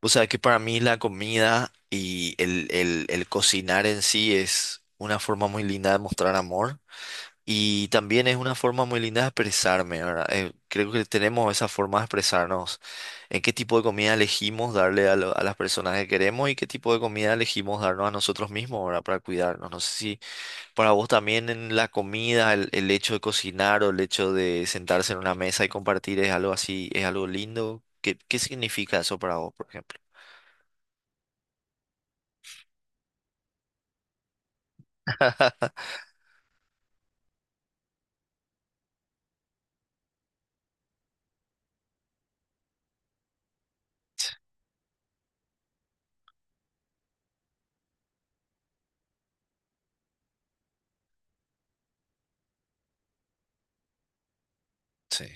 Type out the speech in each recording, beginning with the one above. O sea que para mí la comida y el cocinar en sí es una forma muy linda de mostrar amor y también es una forma muy linda de expresarme, ¿verdad? Creo que tenemos esa forma de expresarnos en qué tipo de comida elegimos darle a, a las personas que queremos y qué tipo de comida elegimos darnos a nosotros mismos, ¿verdad? Para cuidarnos. No sé si para vos también en la comida, el hecho de cocinar o el hecho de sentarse en una mesa y compartir es algo así, es algo lindo. ¿Qué significa eso para vos, por ejemplo? Sí,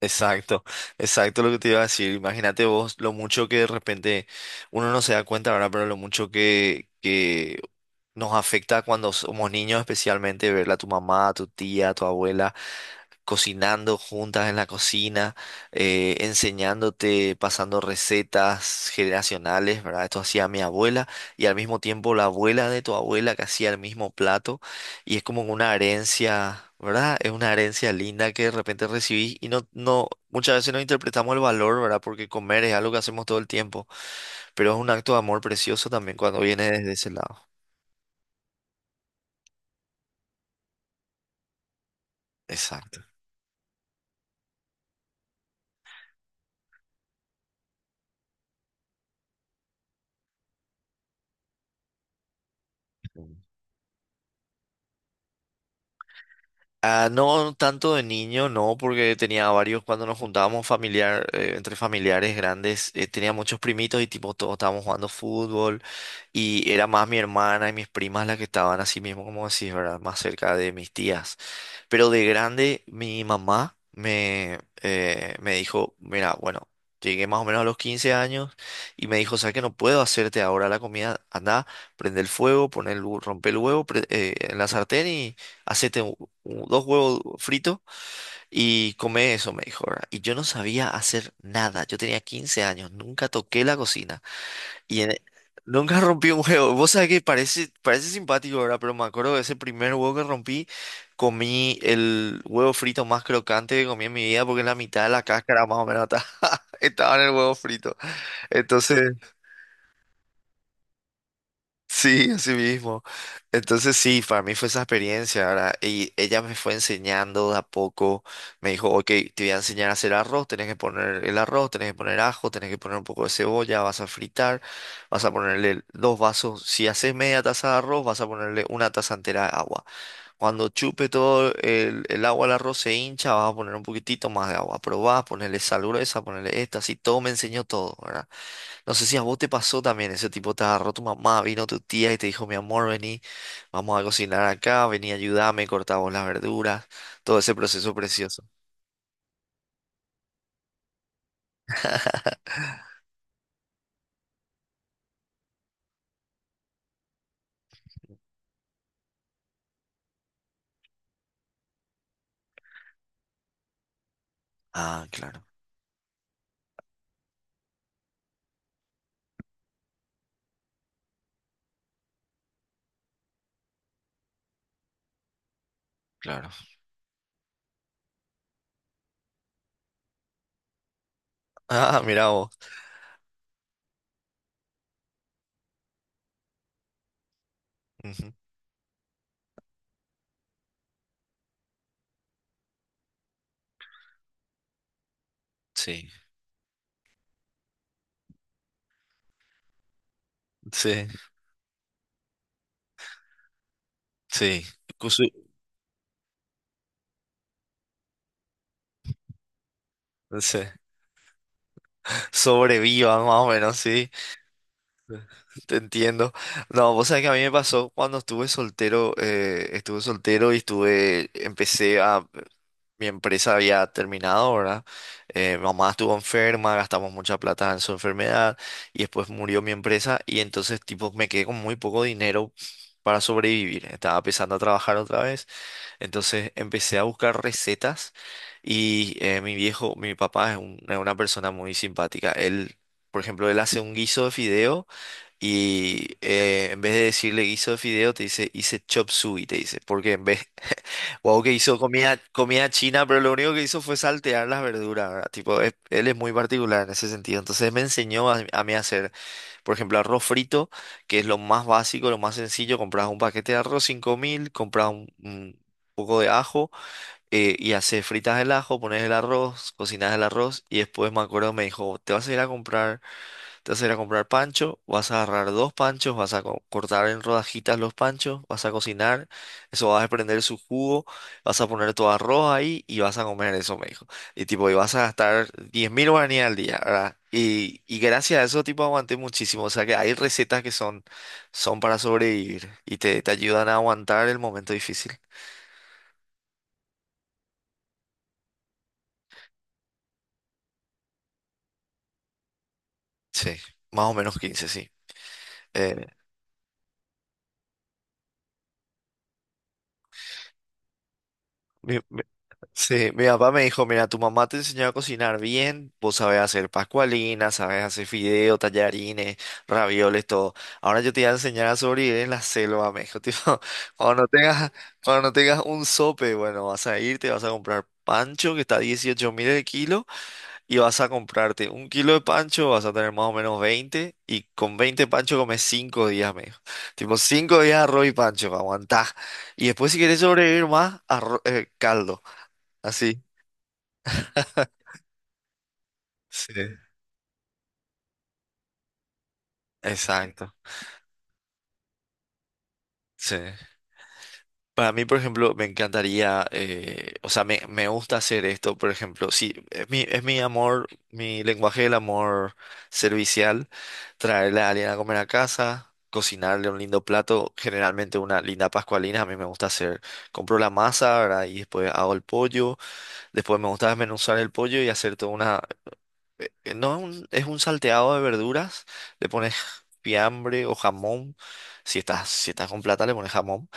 exacto, exacto lo que te iba a decir. Imagínate vos lo mucho que de repente uno no se da cuenta, ¿verdad? Pero lo mucho que nos afecta cuando somos niños, especialmente verla a tu mamá, a tu tía, a tu abuela, cocinando juntas en la cocina, enseñándote, pasando recetas generacionales, ¿verdad? Esto hacía mi abuela y al mismo tiempo la abuela de tu abuela que hacía el mismo plato y es como una herencia, ¿verdad? Es una herencia linda que de repente recibís y muchas veces no interpretamos el valor, ¿verdad? Porque comer es algo que hacemos todo el tiempo, pero es un acto de amor precioso también cuando viene desde ese lado. Exacto. Ah, no tanto de niño, no, porque tenía varios, cuando nos juntábamos familiar, entre familiares grandes, tenía muchos primitos y tipo todos estábamos jugando fútbol y era más mi hermana y mis primas las que estaban así mismo, como decís, ¿verdad? Más cerca de mis tías. Pero de grande, mi mamá me, me dijo, mira, bueno, llegué más o menos a los 15 años y me dijo, ¿sabes que no puedo hacerte ahora la comida? Anda, prende el fuego, pon el, rompe el huevo en la sartén y hacete u- dos huevos fritos y come eso, me dijo, ¿verdad? Y yo no sabía hacer nada, yo tenía 15 años, nunca toqué la cocina. Y en- e, Nunca rompí un huevo. Vos sabés que parece simpático, ¿verdad? Pero me acuerdo de ese primer huevo que rompí, comí el huevo frito más crocante que comí en mi vida porque la mitad de la cáscara más o menos estaba, estaba en el huevo frito. Entonces... Sí, así mismo. Entonces sí, para mí fue esa experiencia, ¿verdad? Y ella me fue enseñando de a poco, me dijo, ok, te voy a enseñar a hacer arroz, tenés que poner el arroz, tenés que poner ajo, tenés que poner un poco de cebolla, vas a fritar, vas a ponerle dos vasos, si haces media taza de arroz, vas a ponerle una taza entera de agua. Cuando chupe todo el agua al arroz se hincha, vas a poner un poquitito más de agua. Probás, ponerle sal gruesa, ponerle esta, así todo me enseñó todo, ¿verdad? No sé si a vos te pasó también, ese tipo te agarró tu mamá, vino tu tía y te dijo, mi amor, vení, vamos a cocinar acá, vení, ayúdame, cortamos las verduras, todo ese proceso precioso. Ah, claro, claro. Ah, mira vos. Ujú. Sí, sí, sí. Cu- sí. Sobreviva más o menos, sí. Te entiendo. No, vos sabés que a mí me pasó cuando estuve soltero y estuve, empecé a, mi empresa había terminado, ¿verdad? Mi mamá estuvo enferma, gastamos mucha plata en su enfermedad y después murió mi empresa y entonces tipo me quedé con muy poco dinero para sobrevivir. Estaba empezando a trabajar otra vez entonces empecé a buscar recetas y mi viejo, mi papá es una persona muy simpática. Él, por ejemplo, él hace un guiso de fideo y en vez de decirle guiso de fideo te dice hice chop suey, te dice, porque en vez, wow, que hizo comida, comida china, pero lo único que hizo fue saltear las verduras, ¿verdad? Tipo, él es muy particular en ese sentido. Entonces me enseñó a mí a hacer por ejemplo, arroz frito, que es lo más básico, lo más sencillo, compras un paquete de arroz 5000, compras un poco de ajo, y haces fritas el ajo, pones el arroz, cocinas el arroz y después me acuerdo me dijo, te vas a ir a comprar pancho, vas a agarrar dos panchos, vas a cortar en rodajitas los panchos, vas a cocinar, eso vas a prender su jugo, vas a poner tu arroz ahí y vas a comer eso, me dijo. Y tipo, y vas a gastar 10 mil guaraníes al día, ¿verdad? Y gracias a eso, tipo, aguanté muchísimo. O sea que hay recetas que son, son para sobrevivir y te ayudan a aguantar el momento difícil. Sí, más o menos 15, sí. Eh, mi- Sí, mi papá me dijo, mira, tu mamá te enseñó a cocinar bien, vos sabés hacer pascualinas, sabés hacer fideos, tallarines, ravioles, todo. Ahora yo te voy a enseñar a sobrevivir en la selva, me dijo, tipo, cuando no tengas, cuando no tengas un sope, bueno, vas a irte, vas a comprar pancho, que está a 18 mil el kilo, y vas a comprarte un kilo de pancho, vas a tener más o menos 20 y con 20 pancho comes 5 días, me dijo. Tipo, 5 días arroz y pancho, aguantá. Y después si querés sobrevivir más, caldo. Así. Sí, exacto. Sí. Para mí, por ejemplo, me encantaría, o sea, me gusta hacer esto, por ejemplo, sí, es mi amor, mi lenguaje del amor servicial, traerle a alguien a comer a casa, cocinarle un lindo plato, generalmente una linda pascualina, a mí me gusta hacer, compro la masa, ¿verdad? Y después hago el pollo, después me gusta desmenuzar el pollo y hacer toda una que No es un, es un salteado de verduras, le pones fiambre o jamón, si estás con plata le pones jamón,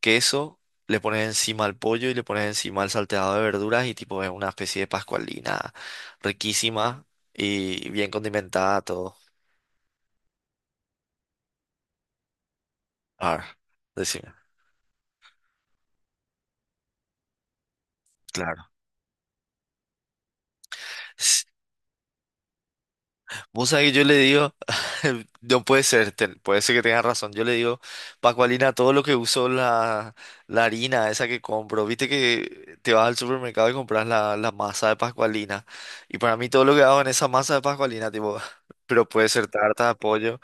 queso, le pones encima el pollo y le pones encima el salteado de verduras y tipo es una especie de pascualina riquísima y bien condimentada todo. A ver, decime. Claro. Vos sabés que yo le digo, no puede ser, puede ser que tengas razón. Yo le digo, Pacualina, todo lo que uso la harina esa que compro, viste que te vas al supermercado y compras la masa de Pascualina. Y para mí todo lo que hago en esa masa de Pascualina, tipo, pero puede ser tarta de pollo,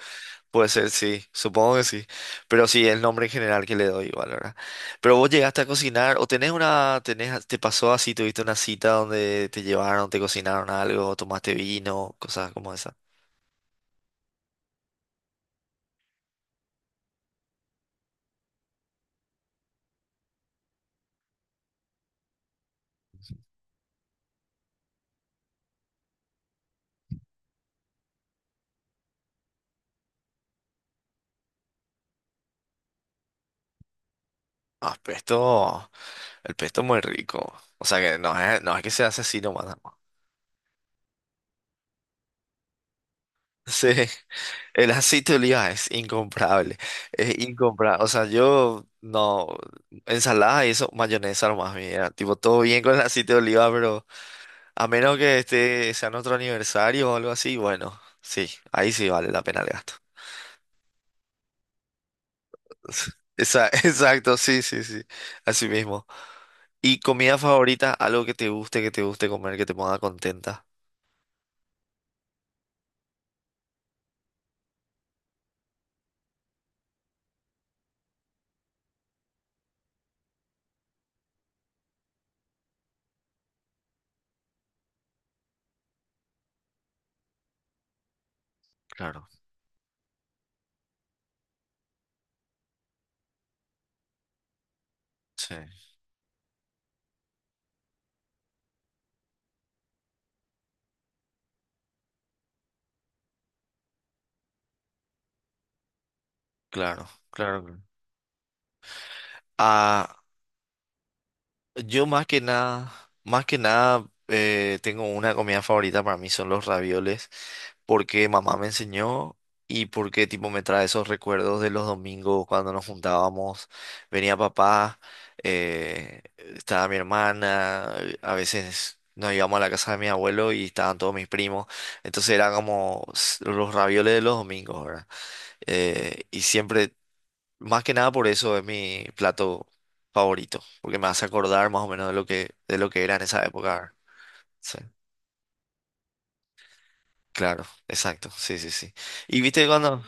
puede ser, sí, supongo que sí. Pero sí, el nombre en general que le doy igual, ¿verdad? Pero vos llegaste a cocinar, o tenés una, tenés, te pasó así, tuviste una cita donde te llevaron, te cocinaron algo, tomaste vino, cosas como esas. Ah, pesto, el pesto muy rico. O sea que no es, no es que se hace así nomás, ¿no? Sí, el aceite de oliva es incomparable. Es incomparable. O sea, yo no, ensalada y eso, mayonesa nomás, mira. Tipo, todo bien con el aceite de oliva, pero a menos que este sea nuestro aniversario o algo así, bueno, sí, ahí sí vale la pena el gasto. Exacto, sí, sí, sí. Así mismo. ¿Y comida favorita? Algo que te guste comer, que te ponga contenta. Claro. Sí. Claro, claro, claro. Ah, yo más que nada, más que nada, tengo una comida favorita, para mí son los ravioles, porque mamá me enseñó y porque tipo me trae esos recuerdos de los domingos cuando nos juntábamos, venía papá, estaba mi hermana, a veces nos íbamos a la casa de mi abuelo y estaban todos mis primos, entonces eran como los ravioles de los domingos, ¿verdad? Y siempre Más que nada por eso es mi plato favorito, porque me hace acordar más o menos de lo que era en esa época, ¿verdad? Sí, claro, exacto, sí, sí, sí. Y viste cuando...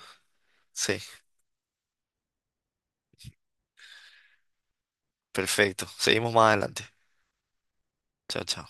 Sí, perfecto. Seguimos más adelante. Chao, chao.